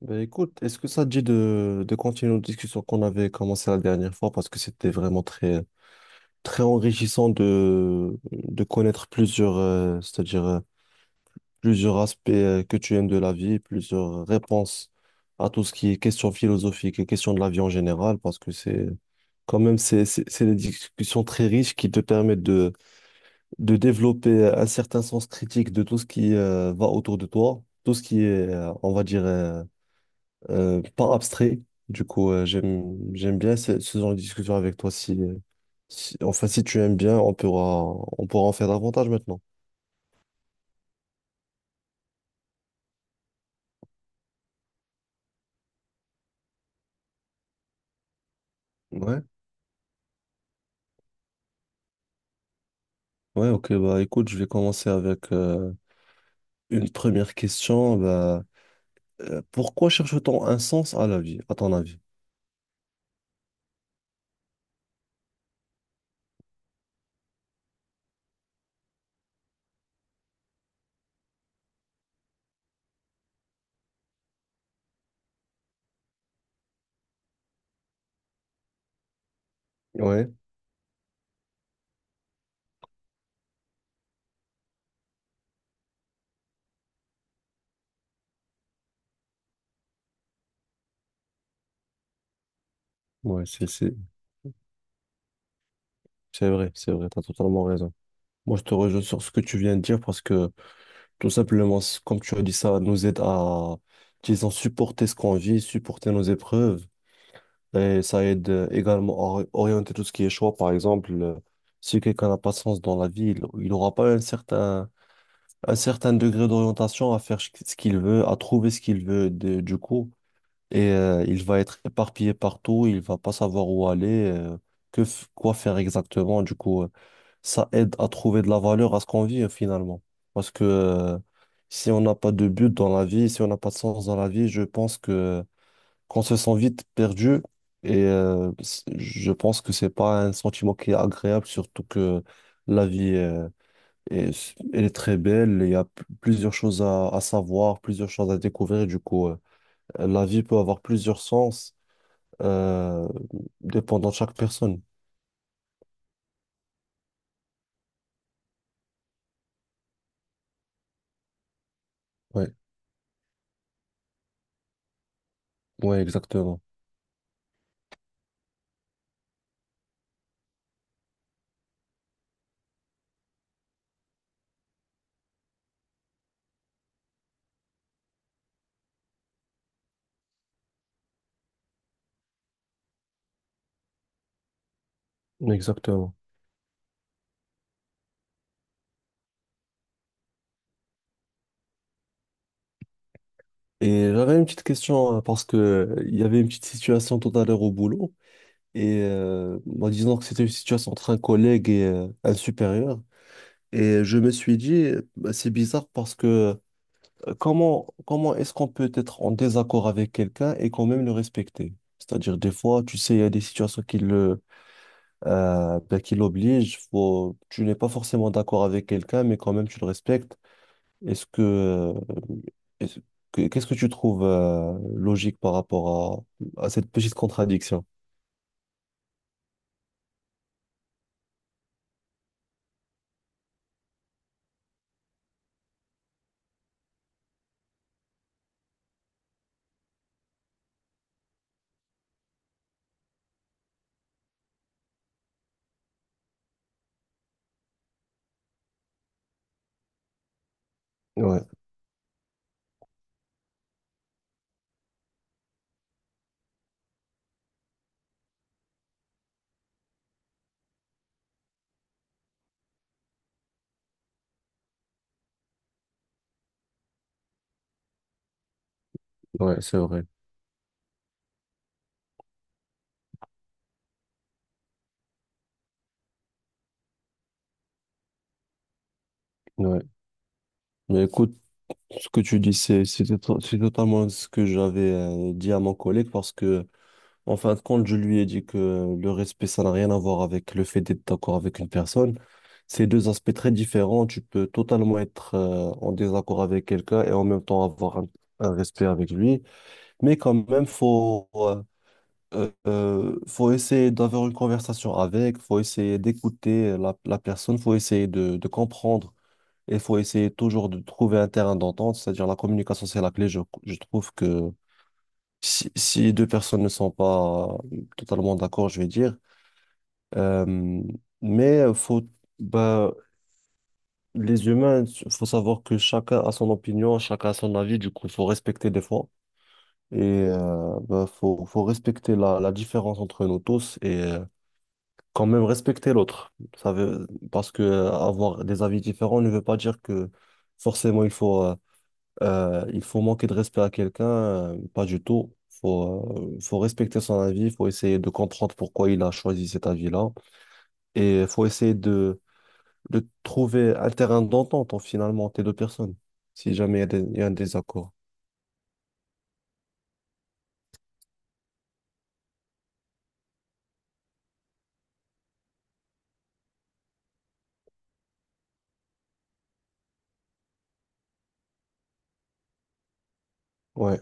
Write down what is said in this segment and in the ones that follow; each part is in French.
Ben écoute, est-ce que ça te dit de continuer notre discussion qu'on avait commencé la dernière fois parce que c'était vraiment très, très enrichissant de connaître plusieurs, c'est-à-dire plusieurs aspects que tu aimes de la vie, plusieurs réponses à tout ce qui est question philosophique et question de la vie en général parce que c'est quand même c'est des discussions très riches qui te permettent de développer un certain sens critique de tout ce qui va autour de toi, tout ce qui est, on va dire, pas abstrait. Du coup, j'aime bien ce, ce genre de discussion avec toi. Si, enfin, si tu aimes bien, on pourra en faire davantage maintenant. Ouais, ouais, ok, bah écoute, je vais commencer avec une première question. Bah, pourquoi cherche-t-on un sens à la vie, à ton avis? Ouais, ouais, c'est vrai, t'as totalement raison. Moi, je te rejoins sur ce que tu viens de dire parce que tout simplement, comme tu as dit, ça nous aide à, disons, supporter ce qu'on vit, supporter nos épreuves. Et ça aide également à orienter tout ce qui est choix. Par exemple, si quelqu'un n'a pas de sens dans la vie, il n'aura pas un certain, un certain degré d'orientation à faire ce qu'il veut, à trouver ce qu'il veut. Du coup, et il va être éparpillé partout, il va pas savoir où aller, euh, quoi faire exactement. Du coup, ça aide à trouver de la valeur à ce qu'on vit finalement. Parce que si on n'a pas de but dans la vie, si on n'a pas de sens dans la vie, je pense que qu'on se sent vite perdu et je pense que c'est pas un sentiment qui est agréable, surtout que la vie est, elle est très belle, il y a plusieurs choses à savoir, plusieurs choses à découvrir, du coup. La vie peut avoir plusieurs sens, euh, dépendant de chaque personne. Ouais, ouais, exactement. Exactement. Et j'avais une petite question, hein, parce que il y avait une petite situation tout à l'heure au boulot, et bah, disons que c'était une situation entre un collègue et un supérieur. Et je me suis dit, bah, c'est bizarre parce que comment est-ce qu'on peut être en désaccord avec quelqu'un et quand même le respecter? C'est-à-dire, des fois, tu sais, il y a des situations qui le, ben, qui l'oblige. Faut... Tu n'es pas forcément d'accord avec quelqu'un, mais quand même, tu le respectes. Est-ce que, est-ce qu'est-ce que tu trouves logique par rapport à cette petite contradiction? Ouais, ouais, c'est vrai. Ouais. Mais écoute, ce que tu dis, c'est totalement ce que j'avais dit à mon collègue parce que En fin de compte, je lui ai dit que le respect, ça n'a rien à voir avec le fait d'être d'accord avec une personne. C'est deux aspects très différents. Tu peux totalement être en désaccord avec quelqu'un et en même temps avoir un respect avec lui. Mais quand même, faut essayer d'avoir une conversation avec, faut essayer d'écouter la, la personne, faut essayer de comprendre et faut essayer toujours de trouver un terrain d'entente. C'est-à-dire la communication, c'est la clé. Je trouve que si, si deux personnes ne sont pas totalement d'accord, je vais dire. Euh, mais faut, bah, les humains, faut savoir que chacun a son opinion, chacun a son avis, du coup, faut respecter des fois. Et bah, faut respecter la, la différence entre nous tous et quand même respecter l'autre. Parce que avoir des avis différents ne veut pas dire que forcément il faut manquer de respect à quelqu'un, pas du tout. Faut respecter son avis, faut essayer de comprendre pourquoi il a choisi cet avis-là. Et faut essayer de trouver un terrain d'entente, en, finalement, entre les deux personnes, si jamais il y a un désaccord. Ouais,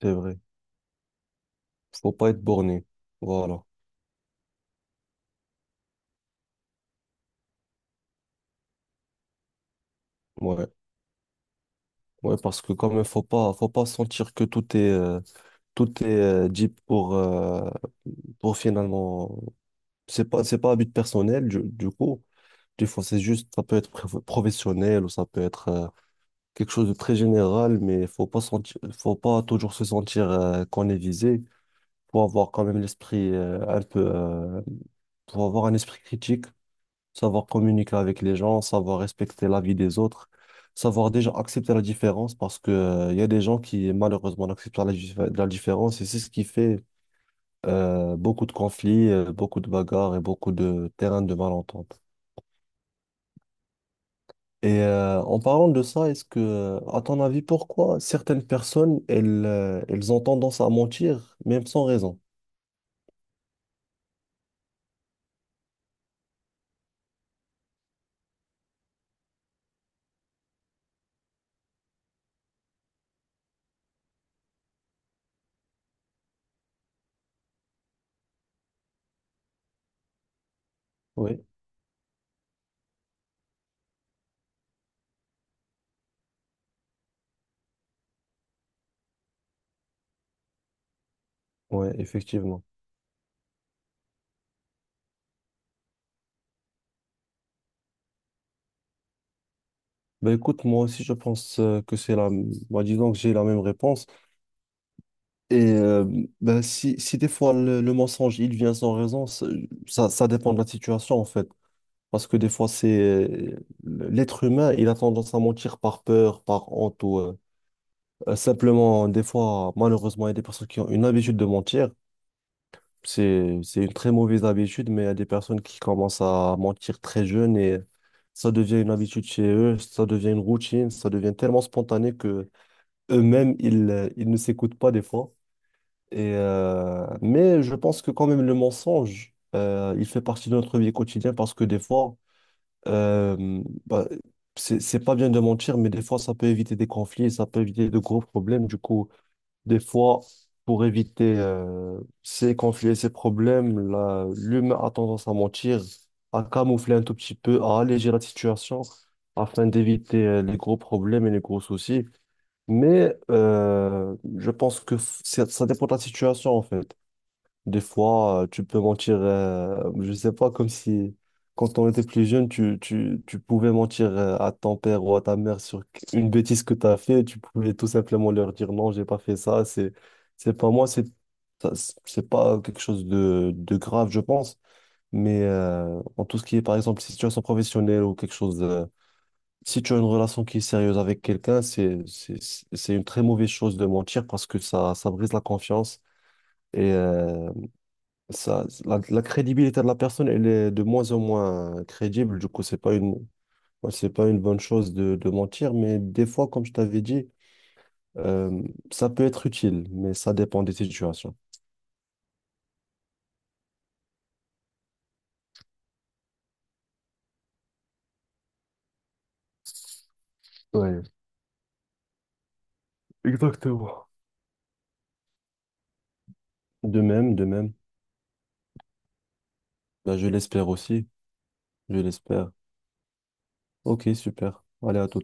c'est vrai. Faut pas être borné. Voilà. Ouais. Ouais, parce que quand même, faut pas sentir que tout est dit pour finalement. C'est pas à but personnel, du coup. Des fois, c'est juste, ça peut être professionnel ou ça peut être quelque chose de très général, mais faut pas sentir, faut pas toujours se sentir qu'on est visé. Faut avoir quand même l'esprit faut avoir un esprit critique, savoir communiquer avec les gens, savoir respecter la vie des autres, savoir déjà accepter la différence parce que, il y a des gens qui malheureusement n'acceptent pas la, la différence et c'est ce qui fait beaucoup de conflits, beaucoup de bagarres et beaucoup de terrains de malentente. Et en parlant de ça, est-ce que, à ton avis, pourquoi certaines personnes, elles, elles ont tendance à mentir, même sans raison? Oui, ouais, effectivement. Ben écoute, moi aussi, je pense que c'est la... moi disons que j'ai la même réponse. Et ben, si, si des fois le mensonge il vient sans raison, ça, ça dépend de la situation en fait. Parce que des fois, c'est l'être humain, il a tendance à mentir par peur, par honte ou simplement, des fois, malheureusement, il y a des personnes qui ont une habitude de mentir. C'est une très mauvaise habitude, mais il y a des personnes qui commencent à mentir très jeunes et ça devient une habitude chez eux, ça devient une routine, ça devient tellement spontané que eux-mêmes, ils ne s'écoutent pas des fois. Et, mais je pense que quand même le mensonge, il fait partie de notre vie quotidienne parce que des fois, bah, c'est pas bien de mentir, mais des fois, ça peut éviter des conflits, ça peut éviter de gros problèmes. Du coup, des fois, pour éviter ces conflits et ces problèmes, l'humain a tendance à mentir, à camoufler un tout petit peu, à alléger la situation afin d'éviter les gros problèmes et les gros soucis. Mais je pense que ça ça dépend de la situation en fait. Des fois, tu peux mentir, je sais pas, comme si quand on était plus jeune, tu pouvais mentir à ton père ou à ta mère sur une bêtise que tu as fait. Tu pouvais tout simplement leur dire non, j'ai pas fait ça, c'est pas moi, c'est, ça, c'est pas quelque chose de grave, je pense. Mais en tout ce qui est, par exemple, situation professionnelle ou quelque chose de- si tu as une relation qui est sérieuse avec quelqu'un, c'est une très mauvaise chose de mentir parce que ça brise la confiance. Et ça, la crédibilité de la personne, elle est de moins en moins crédible. Du coup, c'est pas une, ouais, c'est pas une bonne chose de mentir, mais des fois, comme je t'avais dit, euh, ça peut être utile, mais ça dépend des situations. Ouais, exactement. De même, de même. Bah, je l'espère aussi. Je l'espère. Ok, super. Allez, à tout.